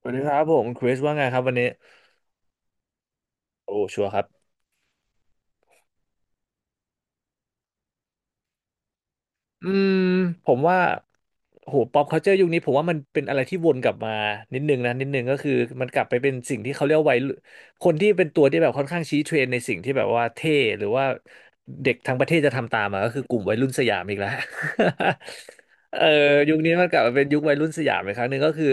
สวัสดีครับผมคริสว่าไงครับวันนี้โอ้ชัวร์ครับอืมผมว่าโหป๊อปคัลเจอร์ยุคนี้ผมว่ามันเป็นอะไรที่วนกลับมานิดนึงนะนิดนึงก็คือมันกลับไปเป็นสิ่งที่เขาเรียกว่าวัยรุ่นคนที่เป็นตัวที่แบบค่อนข้างชี้เทรนด์ในสิ่งที่แบบว่าเท่หรือว่าเด็กทั้งประเทศจะทำตามอ่ะก็คือกลุ่มวัยรุ่นสยามอีกแล้ว เออยุคนี้มันกลับมาเป็นยุควัยรุ่นสยามอีกครั้งหนึ่งก็คือ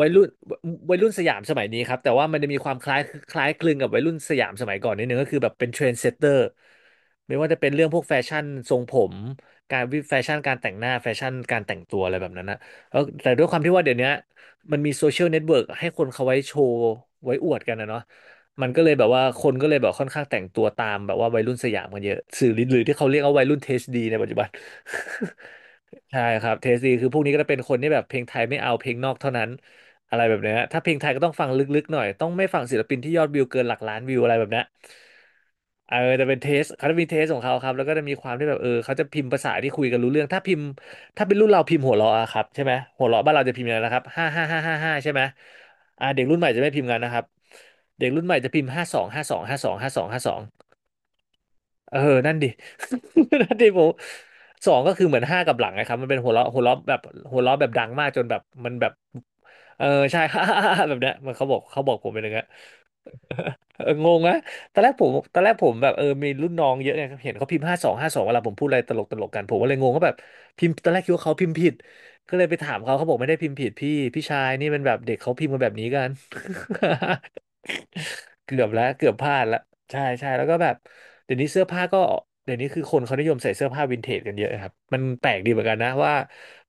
วัยรุ่นวัยวัยรุ่นสยามสมัยนี้ครับแต่ว่ามันจะมีความคล้ายคล้ายคลึงกับวัยรุ่นสยามสมัยก่อนนิดนึงก็คือแบบเป็นเทรนด์เซตเตอร์ไม่ว่าจะเป็นเรื่องพวกแฟชั่นทรงผมการวิแฟชั่นการแต่งหน้าแฟชั่นการแต่งตัวอะไรแบบนั้นนะแล้วแต่ด้วยความที่ว่าเดี๋ยวนี้มันมีโซเชียลเน็ตเวิร์กให้คนเขาไว้โชว์ไว้อวดกันนะเนาะมันก็เลยแบบว่าคนก็เลยแบบค่อนข้างแต่งตัวตามแบบว่าวัยรุ่นสยามกันเยอะสื่อหรือที่เขาเรียกว่าวัยรุ่นเทสดีในปัจจุบัน ใช่ครับเทสดีคือพวกนี้ก็จะเป็นคนที่แบบเพลงไทยไม่เอาเพลงนอกเท่านั้นอะไรแบบเนี้ยถ้าเพลงไทยก็ต้องฟังลึกๆหน่อยต้องไม่ฟังศิลปินที่ยอดวิวเกินหลักล้านวิวอะไรแบบเนี้ยเออจะเป็นเทสเขาจะมีเทสของเขาครับแล้วก็จะมีความที่แบบเออเขาจะพิมพ์ภาษาที่คุยกันรู้เรื่องถ้าพิมพ์ถ้าเป็นรุ่นเราพิมพ์หัวเราะอะครับใช่ไหมหัวเราะบ้านเราจะพิมพ์อะไรนะครับห้าห้าห้าห้าห้าใช่ไหมอ่าเด็กรุ่นใหม่จะไม่พิมพ์กันนะครับเด็กรุ่นใหม่จะพิมพ์ห้าสองห้าสองห้าสองห้าสองห้าสอง เออ นั่นดิ นั่นดิผมสองก็คือเหมือนห้ากับหลังนะครับมันเป็นหัวเราะหัวเราะแบบหัวเราะแบบดังมากจนแบบมันแบบเออใช่ แบบเนี้ยมันเขาบอกเขาบอกผมเป็นอย่างเงี้ยเอองงนะตอนแรกผมแบบเออมีรุ่นน้องเยอะไงเห็นเขาพิมพ์ห้าสองห้าสองเวลาผมพูดอะไรตลกกันผมก็เลยงงว่าแบบพิมพ์ตอนแรกคิดว่าเขาพิมพ์ผิดก็เลยไปถามเขาเขาบอกไม่ได้พิมพ์ผิดพี่พี่ชายนี่มันแบบเด็กเขาพิมพ์กันแบบนี้กัน เกือบแล้วเกือบพลาดละใช่ใช่แล้วก็แบบเดี๋ยวนี้เสื้อผ้าก็เดี๋ยวนี้คือคนเขานิยมใส่เสื้อผ้าวินเทจกันเยอะครับมันแปลกดีเหมือนกันนะว่า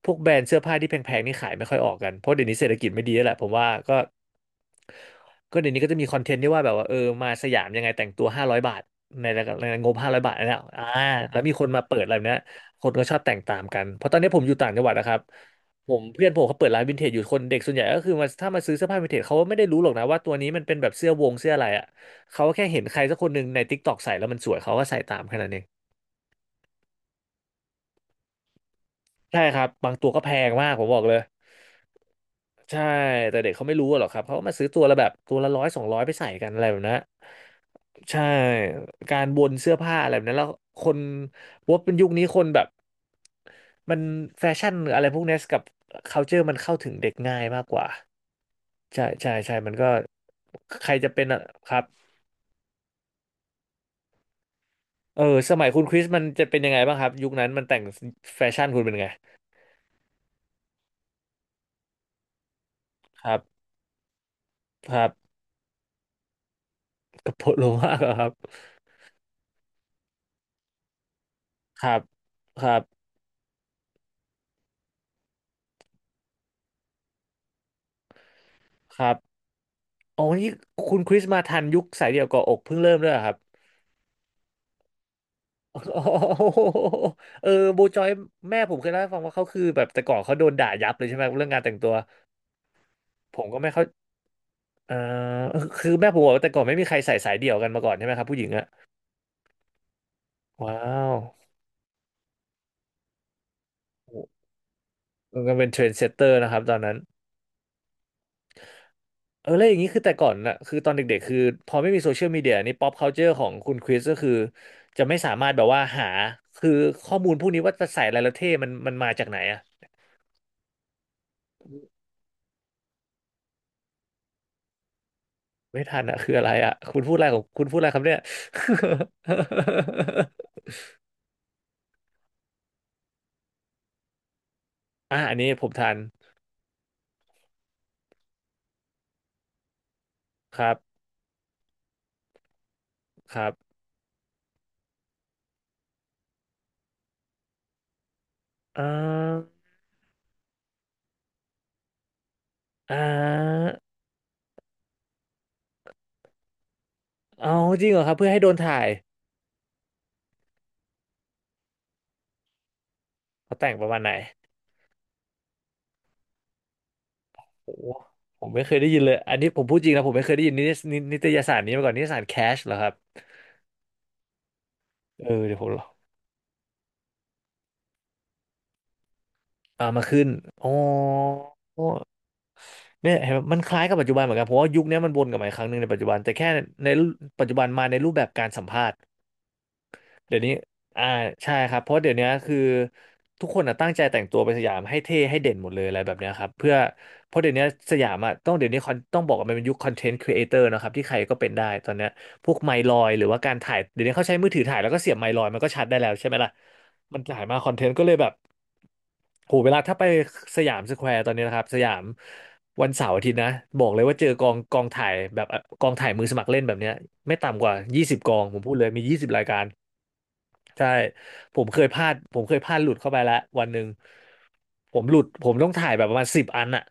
พวกแบรนด์เสื้อผ้าที่แพงๆนี่ขายไม่ค่อยออกกันเพราะเดี๋ยวนี้เศรษฐกิจไม่ดีแล้วแหละผมว่าก็เดี๋ยวนี้ก็จะมีคอนเทนต์ที่ว่าแบบว่าเออมาสยามยังไงแต่งตัวห้าร้อยบาทในระดับในงบห้าร้อยบาทนนะอ่าแล้วมีคนมาเปิดอะไรแบบเนี้ยคนก็ชอบแต่งตามกันเพราะตอนนี้ผมอยู่ต่างจังหวัดนะครับ ผมเพื่อนผมเขาเปิดร้านวินเทจอยู่คนเด็กส่วนใหญ่ก็คือมาถ้ามาซื้อเสื้อผ้าวินเทจเขาไม่ได้รู้หรอกนะว่าตัวนี้มันเป็นแบบเสื้อวงเสื้ออะไรอ่ะเขาแค่เห็นใครสักคนหนึ่งใน TikTok ใส่แล้วมันสวยเขาก็ใส่ตามแค่นั้นเองใช่ครับบางตัวก็แพงมากผมบอกเลยใช่แต่เด็กเขาไม่รู้หรอกครับเขาก็มาซื้อตัวละแบบตัวละ100-200ไปใส่กันอะไรแบบนั้นใช่การวนเสื้อผ้าอะไรแบบนั้นแล้วคนว่าเป็นยุคนี้คนแบบมันแฟชั่นหรืออะไรพวกนี้กับ culture มันเข้าถึงเด็กง่ายมากกว่า ใช่ใช่ใช่มันก็ใครจะเป็นอะครับเออสมัยคุณคริสมันจะเป็นยังไงบ้างครับยุคนั้นมันแต่งแฟชั่นคุณเป็นไงครับครับกระโปรงโลมากเหรอครับครับครับครับอ๋อนี่คุณคริสมาทันยุคสายเดี่ยวเกาะอกเพิ่งเริ่มด้วยเหรอครับโอโห เออโบจอยแม่ผมเคยเล่าให้ฟังว่าเขาคือแบบแต่ก่อนเขาโดนด่ายับเลยใช่ไหมเรื่องการแต่งตัวผมก็ไม่เข้าเออคือแม่ผมบอกว่าแต่ก่อนไม่มีใครใส่สายเดี่ยวกันมาก่อนใช่ไหมครับผู้หญิงอะว้าว มันก็เป็นเทรนด์เซตเตอร์นะครับตอนนั้นเออแล้วอย่างนี้คือแต่ก่อนน่ะคือตอนเด็กๆคือพอไม่มีโซเชียลมีเดียนี่ป๊อปคัลเจอร์ของคุณคริสก็คือจะไม่สามารถแบบว่าหาคือข้อมูลพวกนี้ว่าจะใส่อะไรแล้วเท่มันมาจากไหนอะไม่ทันอะคืออะไรอะคุณพูดอะไรของคุณพูดอะไรครับเนี่ย อ่ะอันนี้ผมทันครับครับอ่าอ่าเอาจริงเหรอครับเพื่อให้โดนถ่ายเขาแต่งประมาณไหน โอ้โหผมไม่เคยได้ยินเลยอันนี้ผมพูดจริงนะผมไม่เคยได้ยินนิตยสารนี้มาก่อนนิตยสารแคชเหรอครับเออเดี๋ยวผมลองเอามาขึ้นอ๋อเนี่ยเห็นไหมมันคล้ายกับปัจจุบันเหมือนกันเพราะว่ายุคนี้มันวนกลับมาอีกครั้งหนึ่งในปัจจุบันแต่แค่ในปัจจุบันมาในรูปแบบการสัมภาษณ์ เดี๋ยวนี้อ่าใช่ครับเพราะเดี๋ยวนี้คือทุกคนอะตั้งใจแต่งตัวไปสยามให้เท่ให้เด่นหมดเลยอะไรแบบเนี้ยครับเพื่อเพราะเดี๋ยวนี้สยามอ่ะต้องเดี๋ยวนี้คอนต้องบอกว่ามันเป็นยุคคอนเทนต์ครีเอเตอร์นะครับที่ใครก็เป็นได้ตอนเนี้ยพวกไมค์ลอยหรือว่าการถ่ายเดี๋ยวนี้เขาใช้มือถือถ่ายแล้วก็เสียบไมค์ลอยมันก็ชัดได้แล้วใช่ไหมล่ะมันถ่ายมาคอนเทนต์ก็เลยแบบโหเวลาถ้าไปสยามสแควร์ตอนนี้นะครับสยามวันเสาร์อาทิตย์นะบอกเลยว่าเจอกองถ่ายแบบกองถ่ายมือสมัครเล่นแบบเนี้ยไม่ต่ำกว่า20 กองผมพูดเลยมี20 รายการ ใช่ผมเคยพลาดผมเคยพลาดหลุดเข้าไปแล้ววันหนึ่งผมหลุดผมต้องถ่ายแบบประมาณ10 อันอะ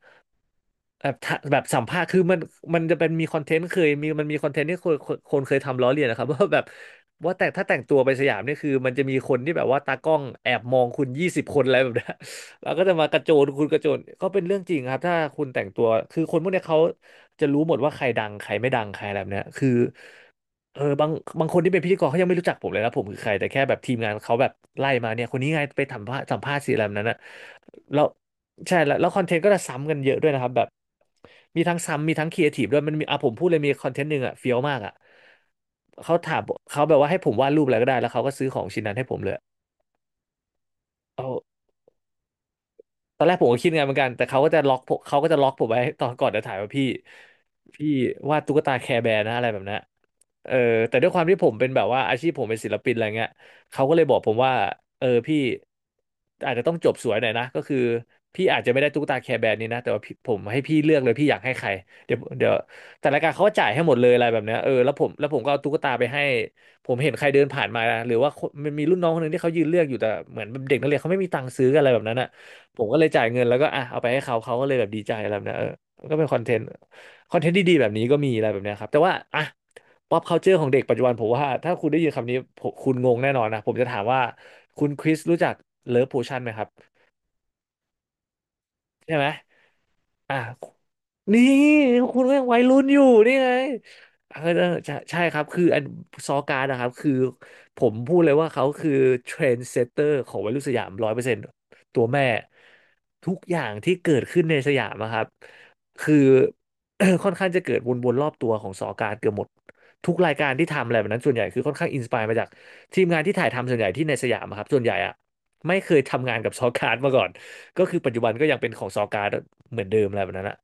แบบถ้าแบบสัมภาษณ์คือมันจะเป็นมีคอนเทนต์เคยมีมันมีคอนเทนต์ที่คนเคยทำล้อเลียนนะครับ ว่าแต่ถ้าแต่งตัวไปสยามเนี่ยคือมันจะมีคนที่แบบว่าตากล้องแอบมองคุณ20 คนอะไรแบบเนี้ย แล้วก็จะมากระโจนคุณกระโจนก็เป็นเรื่องจริงครับถ้าคุณแต่งตัวคือคนพวกเนี้ยเขาจะรู้หมดว่าใครดังใครไม่ดังใครอะไรแบบเนี้ยคือเออบางคนที่เป็นพิธีกรเขายังไม่รู้จักผมเลยนะผมคือใครแต่แค่แบบทีมงานเขาแบบไล่มาเนี่ยคนนี้ไงไปสัมภาษณ์สัมภาษณ์สิอะไรแบบนั้นนะ แล้วใช่แล้วแล้วคอนเทนต์ก็จะซ้ำกันเยอะด้วยนะครับแบบมีทั้งซ้ำมีทั้งครีเอทีฟด้วยมันมีอ่ะผมพูดเลยมีคอนเทนต์หนึ่งอ่ะเฟี้ยวมากอ่ะเขาถามเขาแบบว่าให้ผมวาดรูปอะไรก็ได้แล้วเขาก็ซื้อของชิ้นนั้นให้ผมเลยเอา ตอนแรกผมก็คิดไงานเหมือนกันแต่เขาก็จะล็อกผมเขาก็จะล็อกผมไว้ตอนก่อนจะถ่ายว่าพี่พี่วาดตุ๊กตาแคร์แบร์นะอะไรแบบนั้นเออแต่ด้วยความที่ผมเป็นแบบว่าอาชีพผมเป็นศิลปินอะไรเงี้ยเขาก็เลยบอกผมว่าเออพี่อาจจะต้องจบสวยหน่อยนะก็คือพี่อาจจะไม่ได้ตุ๊กตาแคร์แบร์นี้นะแต่ว่าพี่ผมให้พี่เลือกเลยพี่อยากให้ใครเดี๋ยวแต่รายการเขาก็จ่ายให้หมดเลยอะไรแบบเนี้ยเออแล้วผมก็เอาตุ๊กตาไปให้ผมเห็นใครเดินผ่านมาหรือว่าคนมันมีรุ่นน้องคนหนึ่งที่เขายืนเลือกอยู่แต่เหมือนเด็กนักเรียนเขาไม่มีตังค์ซื้อกันอะไรแบบนั้นอ่ะ ผมก็เลยจ่ายเงินแล้วก็อ่ะเอาไปให้เขาเขาก็เลยแบบดีใจอะไรแบบเนี้ยเออมันก็เป็นคอนเทนต์คอนเทนต์ดีๆแบบนี้ก็มีอะไรแบบเนี้ยครับแต่ว่าอ่ะ pop culture ของเด็กปัจจุบันผมว่าถ้าคุณได้ยินคำนี้ผมคุณงงแน่นอนนะผมจะถามว่าคุณคริสรู้จักเลิฟโพชั่นไหมครับใช่ไหม อ่ะนี่คุณก็ยังวัยรุ่นอยู่นี่ไงเออเออใช่ใช่ครับคืออันซอการ์ดนะครับคือผมพูดเลยว่าเขาคือเทรนด์เซตเตอร์ของวัยรุ่นสยาม100%ตัวแม่ทุกอย่างที่เกิดขึ้นในสยามอะครับคือ ค่อนข้างจะเกิดวนๆรอบตัวของซอการ์ดเกือบหมดทุกรายการที่ทำอะไรแบบนั้นส่วนใหญ่คือค่อนข้างอินสปายมาจากทีมงานที่ถ่ายทำส่วนใหญ่ที่ในสยามอะครับส่วนใหญ่อะไม่เคยทำงานกับซอการ์ดมาก่อน ก็คือปัจจุบันก็ยังเป็นของซอการ์ดเหมือนเดิมอะไรแบบนั้นอะ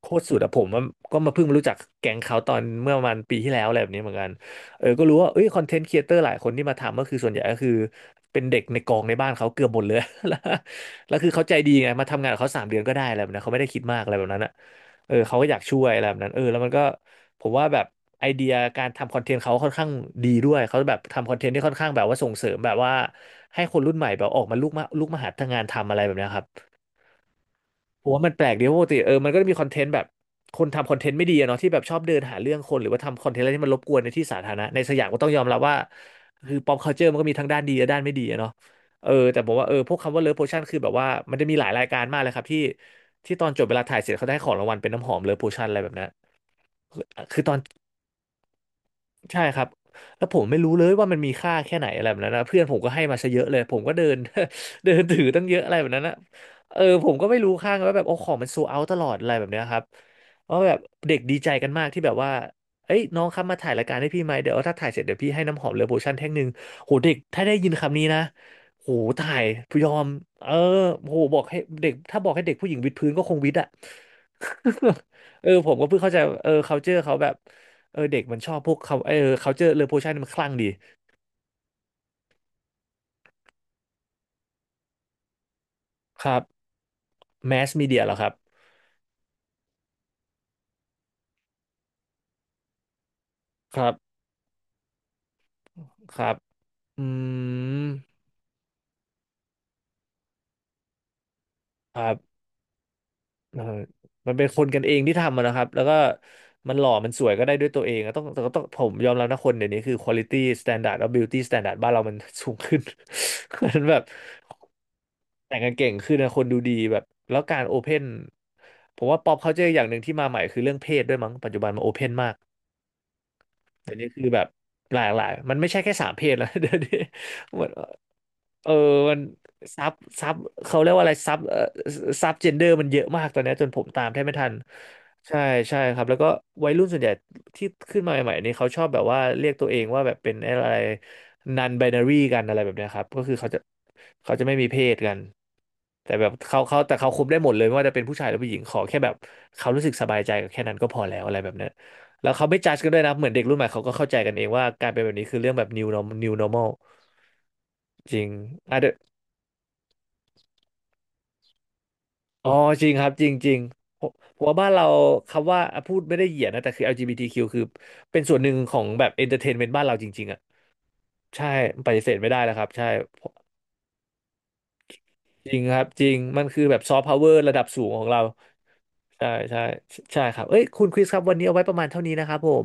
โคตรสุดอะผมว่าก็มาเพิ่งมารู้จักแก๊งเขาตอนเมื่อประมาณปีที่แล้วอะไรแบบนี้เหมือนกันเออก็รู้ว่าเอ้ยคอนเทนต์ครีเอเตอร์หลายคนที่มาทำก็คือส่วนใหญ่ก็คือเป็นเด็กในกองในบ้านเขาเกือบหมดเลย แล้วแล้วคือเขาใจดีไงมาทำงานกับเขาสามเดือนก็ได้อะไรแบบนั้นเขาไม่ได้คิดมากอะไรแบบนั้นอะเออเขาก็อยากช่วยอะไรแบบนั้นเออแล้วมันก็ผมว่าแบบไอเดียการทำคอนเทนต์เขาค่อนข้างดีด้วยเขาแบบทำคอนเทนต์ที่ค่อนข้างแบบว่าส่งเสริมแบบว่าให้คนรุ่นใหม่แบบออกมาลุกมาลุกมาหาทำงานทำอะไรแบบเนี้ยครับ ผมว่ามันแปลกดีเพราะปกติเออมันก็จะมีคอนเทนต์แบบคนทำคอนเทนต์ไม่ดีอะเนาะที่แบบชอบเดินหาเรื่องคนหรือว่าทำคอนเทนต์อะไรที่มันรบกวนในที่สาธารณะในสยามก็ต้องยอมรับว่าคือ pop culture มันก็มีทั้งด้านดีและด้านไม่ดีอะเนาะเออแต่ผมว่าเออพวกคำว่า love potion คือแบบว่ามันจะมีหลายรายการมากเลยครับที่ตอนจบเวลาถ่ายเสร็จเขาได้ของรางวัลเป็นน้ำหอม love potion อะไรแบบนั้นคือคือตอน ใช่ครับแล้วผมไม่รู้เลยว่ามันมีค่าแค่ไหนอะไรแบบนั้นนะเพื่อนผมก็ให้มาซะเยอะเลยผมก็เดิน เดินถือตั้งเยอะอะไรแบบนั้นนะเออผมก็ไม่รู้ค่าไงว่าแบบโอ้ของมันโซเอาตลอดอะไรแบบเนี้ยครับเพราะแบบเด็กดีใจกันมากที่แบบว่าเอ้ยน้องครับมาถ่ายรายการให้พี่ไหมเดี๋ยวถ้าถ่ายเสร็จเดี๋ยวพี่ให้น้ำหอมเลอโพชั่นแท่งหนึ่งโหเด็กถ้าได้ยินคำนี้นะโหถ่ายยอมเออโหบอกให้เด็กถ้าบอกให้เด็กผู้หญิงวิดพื้นก็คงวิดอะ เออผมก็เพิ่งเข้าใจเออ culture เขาแบบ เออเด็กมันชอบพวกเขาเออเขาเจอเร o โพชั่นมันคลั่งดีครับแมสมีเดียเหรอครับครับครับอืมครับเออมันเป็นคนกันเองที่ทำมันนะครับแล้วก็มันหล่อมันสวยก็ได้ด้วยตัวเองอะต้องแต่ก็ต้องผมยอมรับนะคนเดี๋ยวนี้คือ quality standard แล้ว beauty standard บ้านเรามันสูงขึ้น เพราะฉะนันแบบแต่งกันเก่งขึ้นนะคนดูดีแบบแล้วการโอเพนผมว่าป๊อปเขาเจออย่างหนึ่งที่มาใหม่คือเรื่องเพศด้วยมั้งปัจจุบันมันโอเพนมาก เดี๋ยวนี้คือแบบหลากหลายมันไม่ใช่แค่สามเพศแล้ว เดี๋ยวนี้หมด เออมันซับซับเขาเรียกว่าอะไรซับซับเจนเดอร์มันเยอะมากตอนเนี้ยจนผมตามแทบไม่ทันใช่ใช่ครับแล้วก็วัยรุ่นส่วนใหญ่ที่ขึ้นมาใหม่ๆนี่เขาชอบแบบว่าเรียกตัวเองว่าแบบเป็นอะไรนันไบนารีกันอะไรแบบเนี้ยครับก็คือเขาจะไม่มีเพศกันแต่แบบเขาคุมได้หมดเลยไม่ว่าจะเป็นผู้ชายหรือผู้หญิงขอแค่แบบเขารู้สึกสบายใจกับแค่นั้นก็พอแล้วอะไรแบบเนี้ยแล้วเขาไม่จัดกันด้วยนะเหมือนเด็กรุ่นใหม่เขาก็เข้าใจกันเองว่าการเป็นแบบนี้คือเรื่องแบบ new normal จริงอ่ะเดยวอ๋อจริงครับ จริงจริงผมว่าบ้านเราคำว่าอ่ะพูดไม่ได้เหยียดนะ แต่คือ LGBTQ ควคือเป็นส่วนหนึ่งของแบบเอนเตอร์เทนเมนต์บ้านเราจริงๆอ่ะ ใช่ปฏิเสธไม่ได้แล้วครับ ใช่ จริงครับ จริง มันคือแบบซอฟต์พาวเวอร์ระดับสูงของเรา ใช่ใช่ใช่ครับเอ้ยคุณคริสครับ วันนี้เอาไว้ประมาณเท่านี้นะครับผม